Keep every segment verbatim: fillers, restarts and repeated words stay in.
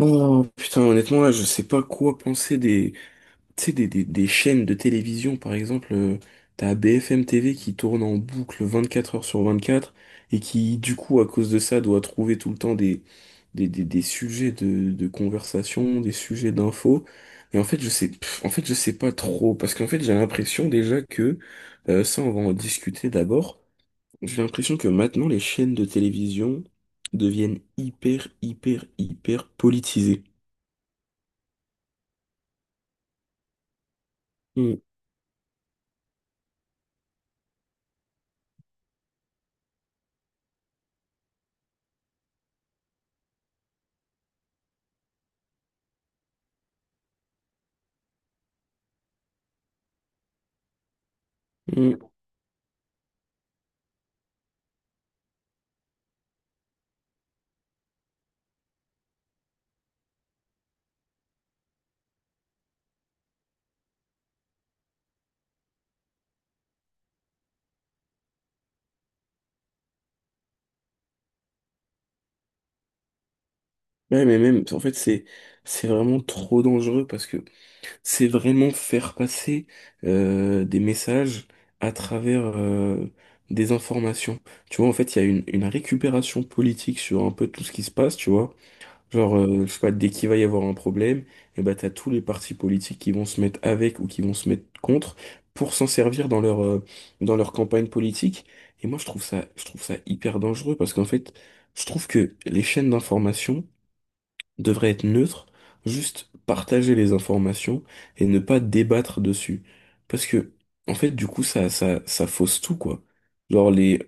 Oh putain, honnêtement là, je sais pas quoi penser des, tu sais, des, des, des chaînes de télévision par exemple. euh, T'as B F M T V qui tourne en boucle vingt-quatre heures sur vingt-quatre et qui du coup à cause de ça doit trouver tout le temps des, des, des, des sujets de, de conversation, des sujets d'infos. Et en fait je sais, pff, en fait je sais pas trop parce qu'en fait j'ai l'impression déjà que euh, ça on va en discuter d'abord. J'ai l'impression que maintenant les chaînes de télévision deviennent hyper hyper hyper politisées. Mm. Ouais, mais même, en fait, c'est, c'est vraiment trop dangereux parce que c'est vraiment faire passer euh, des messages à travers euh, des informations. Tu vois, en fait, il y a une, une récupération politique sur un peu tout ce qui se passe, tu vois. Genre, euh, je sais pas, dès qu'il va y avoir un problème, et ben, t'as tous les partis politiques qui vont se mettre avec ou qui vont se mettre contre pour s'en servir dans leur, euh, dans leur campagne politique. Et moi, je trouve ça, je trouve ça hyper dangereux parce qu'en fait, je trouve que les chaînes d'information devrait être neutre, juste partager les informations et ne pas débattre dessus. Parce que, en fait, du coup, ça, ça, ça fausse tout, quoi. Genre, les,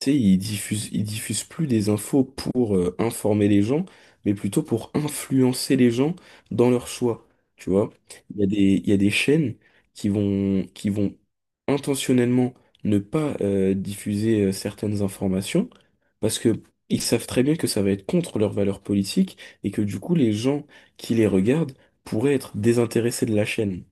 Tu sais, ils diffusent, ils diffusent plus des infos pour euh, informer les gens, mais plutôt pour influencer les gens dans leurs choix. Tu vois, il y a des, il y a des chaînes qui vont, qui vont intentionnellement ne pas euh, diffuser euh, certaines informations parce que ils savent très bien que ça va être contre leurs valeurs politiques et que du coup, les gens qui les regardent pourraient être désintéressés de la chaîne.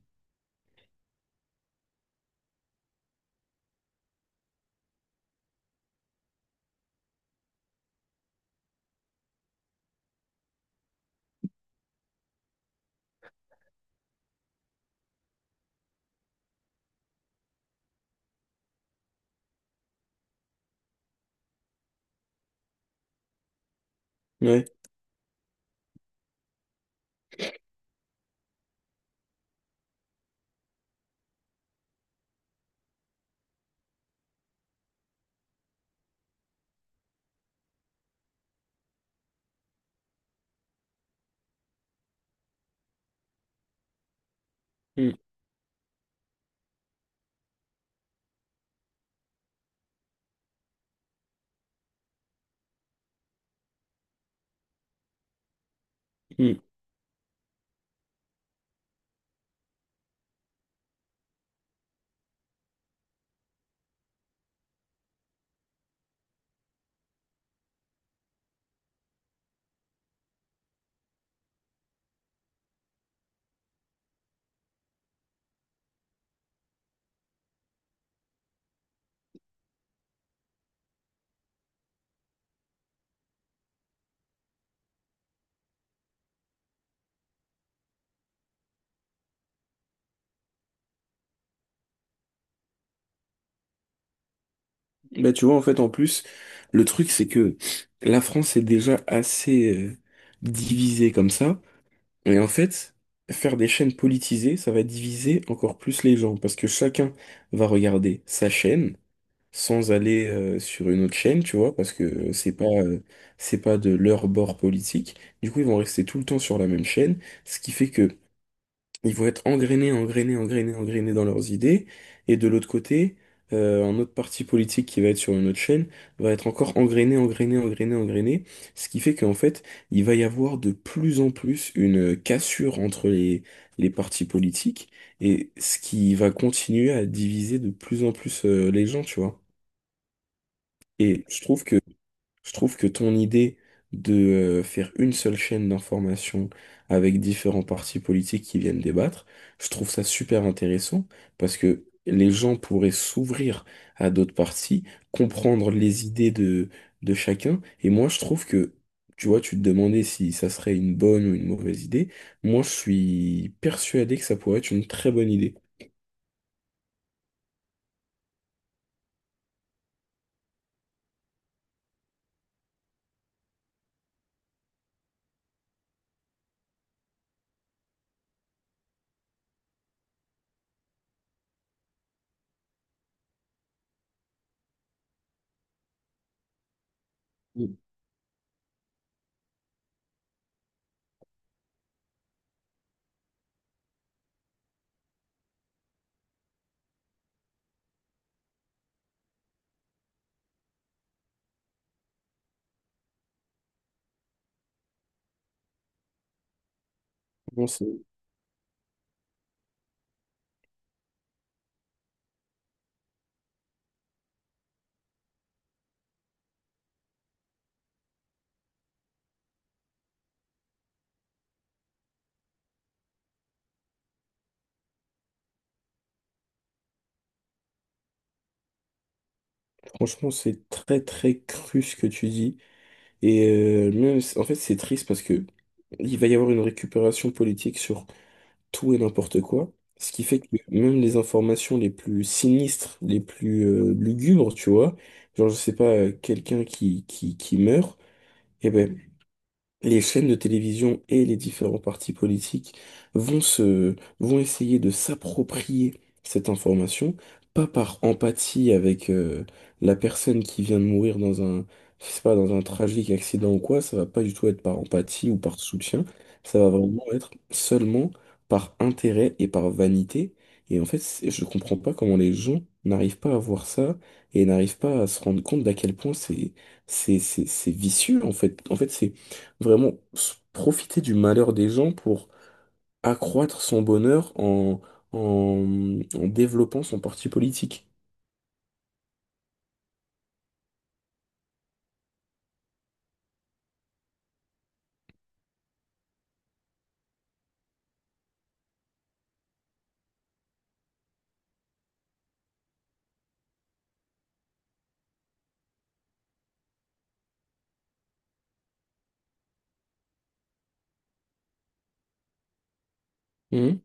Ouais. Mm, mm. Bah, tu vois, en fait, en plus, le truc, c'est que la France est déjà assez euh, divisée comme ça. Et en fait, faire des chaînes politisées, ça va diviser encore plus les gens. Parce que chacun va regarder sa chaîne sans aller euh, sur une autre chaîne, tu vois, parce que c'est pas, euh, c'est pas de leur bord politique. Du coup, ils vont rester tout le temps sur la même chaîne. Ce qui fait que ils vont être engrainés, engrainés, engrainés, engrainés dans leurs idées. Et de l'autre côté, euh, un autre parti politique qui va être sur une autre chaîne va être encore engrainé, engrainé, engrainé, engrainé. Ce qui fait qu'en fait, il va y avoir de plus en plus une cassure entre les, les partis politiques et ce qui va continuer à diviser de plus en plus, euh, les gens, tu vois. Et je trouve que, je trouve que ton idée de euh, faire une seule chaîne d'information avec différents partis politiques qui viennent débattre, je trouve ça super intéressant parce que les gens pourraient s'ouvrir à d'autres partis, comprendre les idées de, de chacun. Et moi, je trouve que, tu vois, tu te demandais si ça serait une bonne ou une mauvaise idée. Moi, je suis persuadé que ça pourrait être une très bonne idée. Mm. Bon, c'est- Franchement, c'est très très cru ce que tu dis. Et euh, même, en fait, c'est triste parce que il va y avoir une récupération politique sur tout et n'importe quoi, ce qui fait que même les informations les plus sinistres, les plus euh, lugubres, tu vois, genre je sais pas, euh, quelqu'un qui, qui, qui meurt, et ben les chaînes de télévision et les différents partis politiques vont se, vont essayer de s'approprier cette information, pas par empathie avec euh, la personne qui vient de mourir dans un, je sais pas, dans un tragique accident ou quoi, ça va pas du tout être par empathie ou par soutien, ça va vraiment être seulement par intérêt et par vanité. Et en fait, c'est- je comprends pas comment les gens n'arrivent pas à voir ça et n'arrivent pas à se rendre compte d'à quel point c'est, c'est, c'est, c'est vicieux, en fait. En fait, c'est vraiment s- profiter du malheur des gens pour accroître son bonheur en, en, en développant son parti politique. Mhm.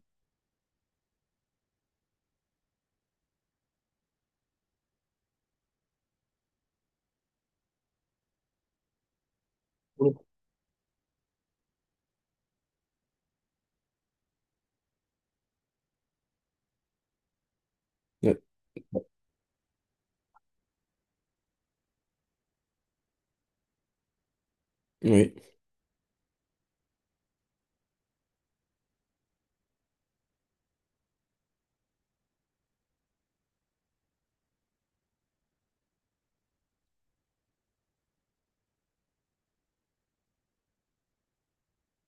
Ouais. Oui.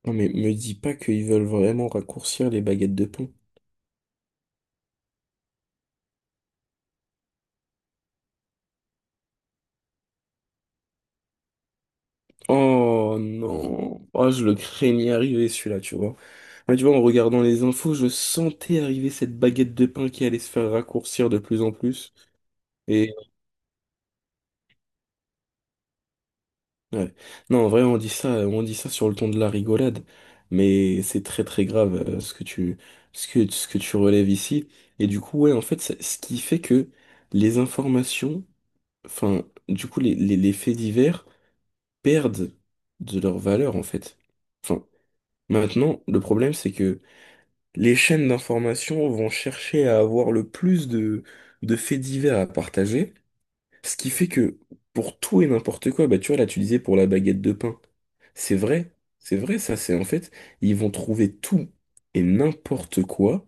Non mais me dis pas qu'ils veulent vraiment raccourcir les baguettes de pain. Oh non. Oh, je le craignais arriver celui-là, tu vois. Ah, tu vois, en regardant les infos, je sentais arriver cette baguette de pain qui allait se faire raccourcir de plus en plus. Et Ouais. Non, en vrai, on dit ça, on dit ça sur le ton de la rigolade, mais c'est très très grave euh, ce que tu, ce que, ce que tu relèves ici. Et du coup, ouais, en fait, c'est- ce qui fait que les informations, enfin, du coup, les, les, les faits divers perdent de leur valeur, en fait. Enfin, maintenant, le problème, c'est que les chaînes d'information vont chercher à avoir le plus de, de faits divers à partager. Ce qui fait que pour tout et n'importe quoi, bah tu vois, là tu disais pour la baguette de pain. C'est vrai, c'est vrai ça, c'est en fait, ils vont trouver tout et n'importe quoi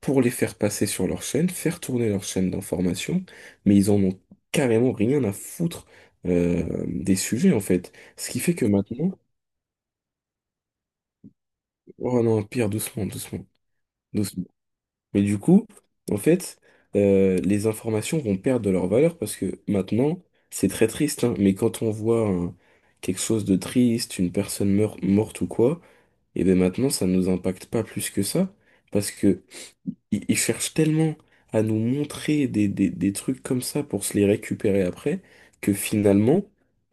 pour les faire passer sur leur chaîne, faire tourner leur chaîne d'information, mais ils en ont carrément rien à foutre euh, des sujets en fait. Ce qui fait que maintenant, oh non, pire, doucement, doucement, doucement. Mais du coup, en fait, euh, les informations vont perdre de leur valeur parce que maintenant, c'est très triste, hein, mais quand on voit un- quelque chose de triste, une personne meur- morte ou quoi, et bien maintenant, ça ne nous impacte pas plus que ça. Parce que ils, ils cherchent tellement à nous montrer des, des, des trucs comme ça pour se les récupérer après, que finalement,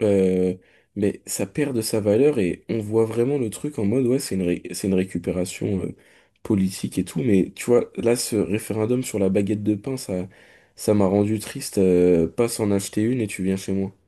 euh, mais ça perd de sa valeur et on voit vraiment le truc en mode, ouais, c'est une, ré- c'est une récupération euh, politique et tout, mais tu vois, là, ce référendum sur la baguette de pain, ça, ça m'a rendu triste, euh, passe en acheter une et tu viens chez moi.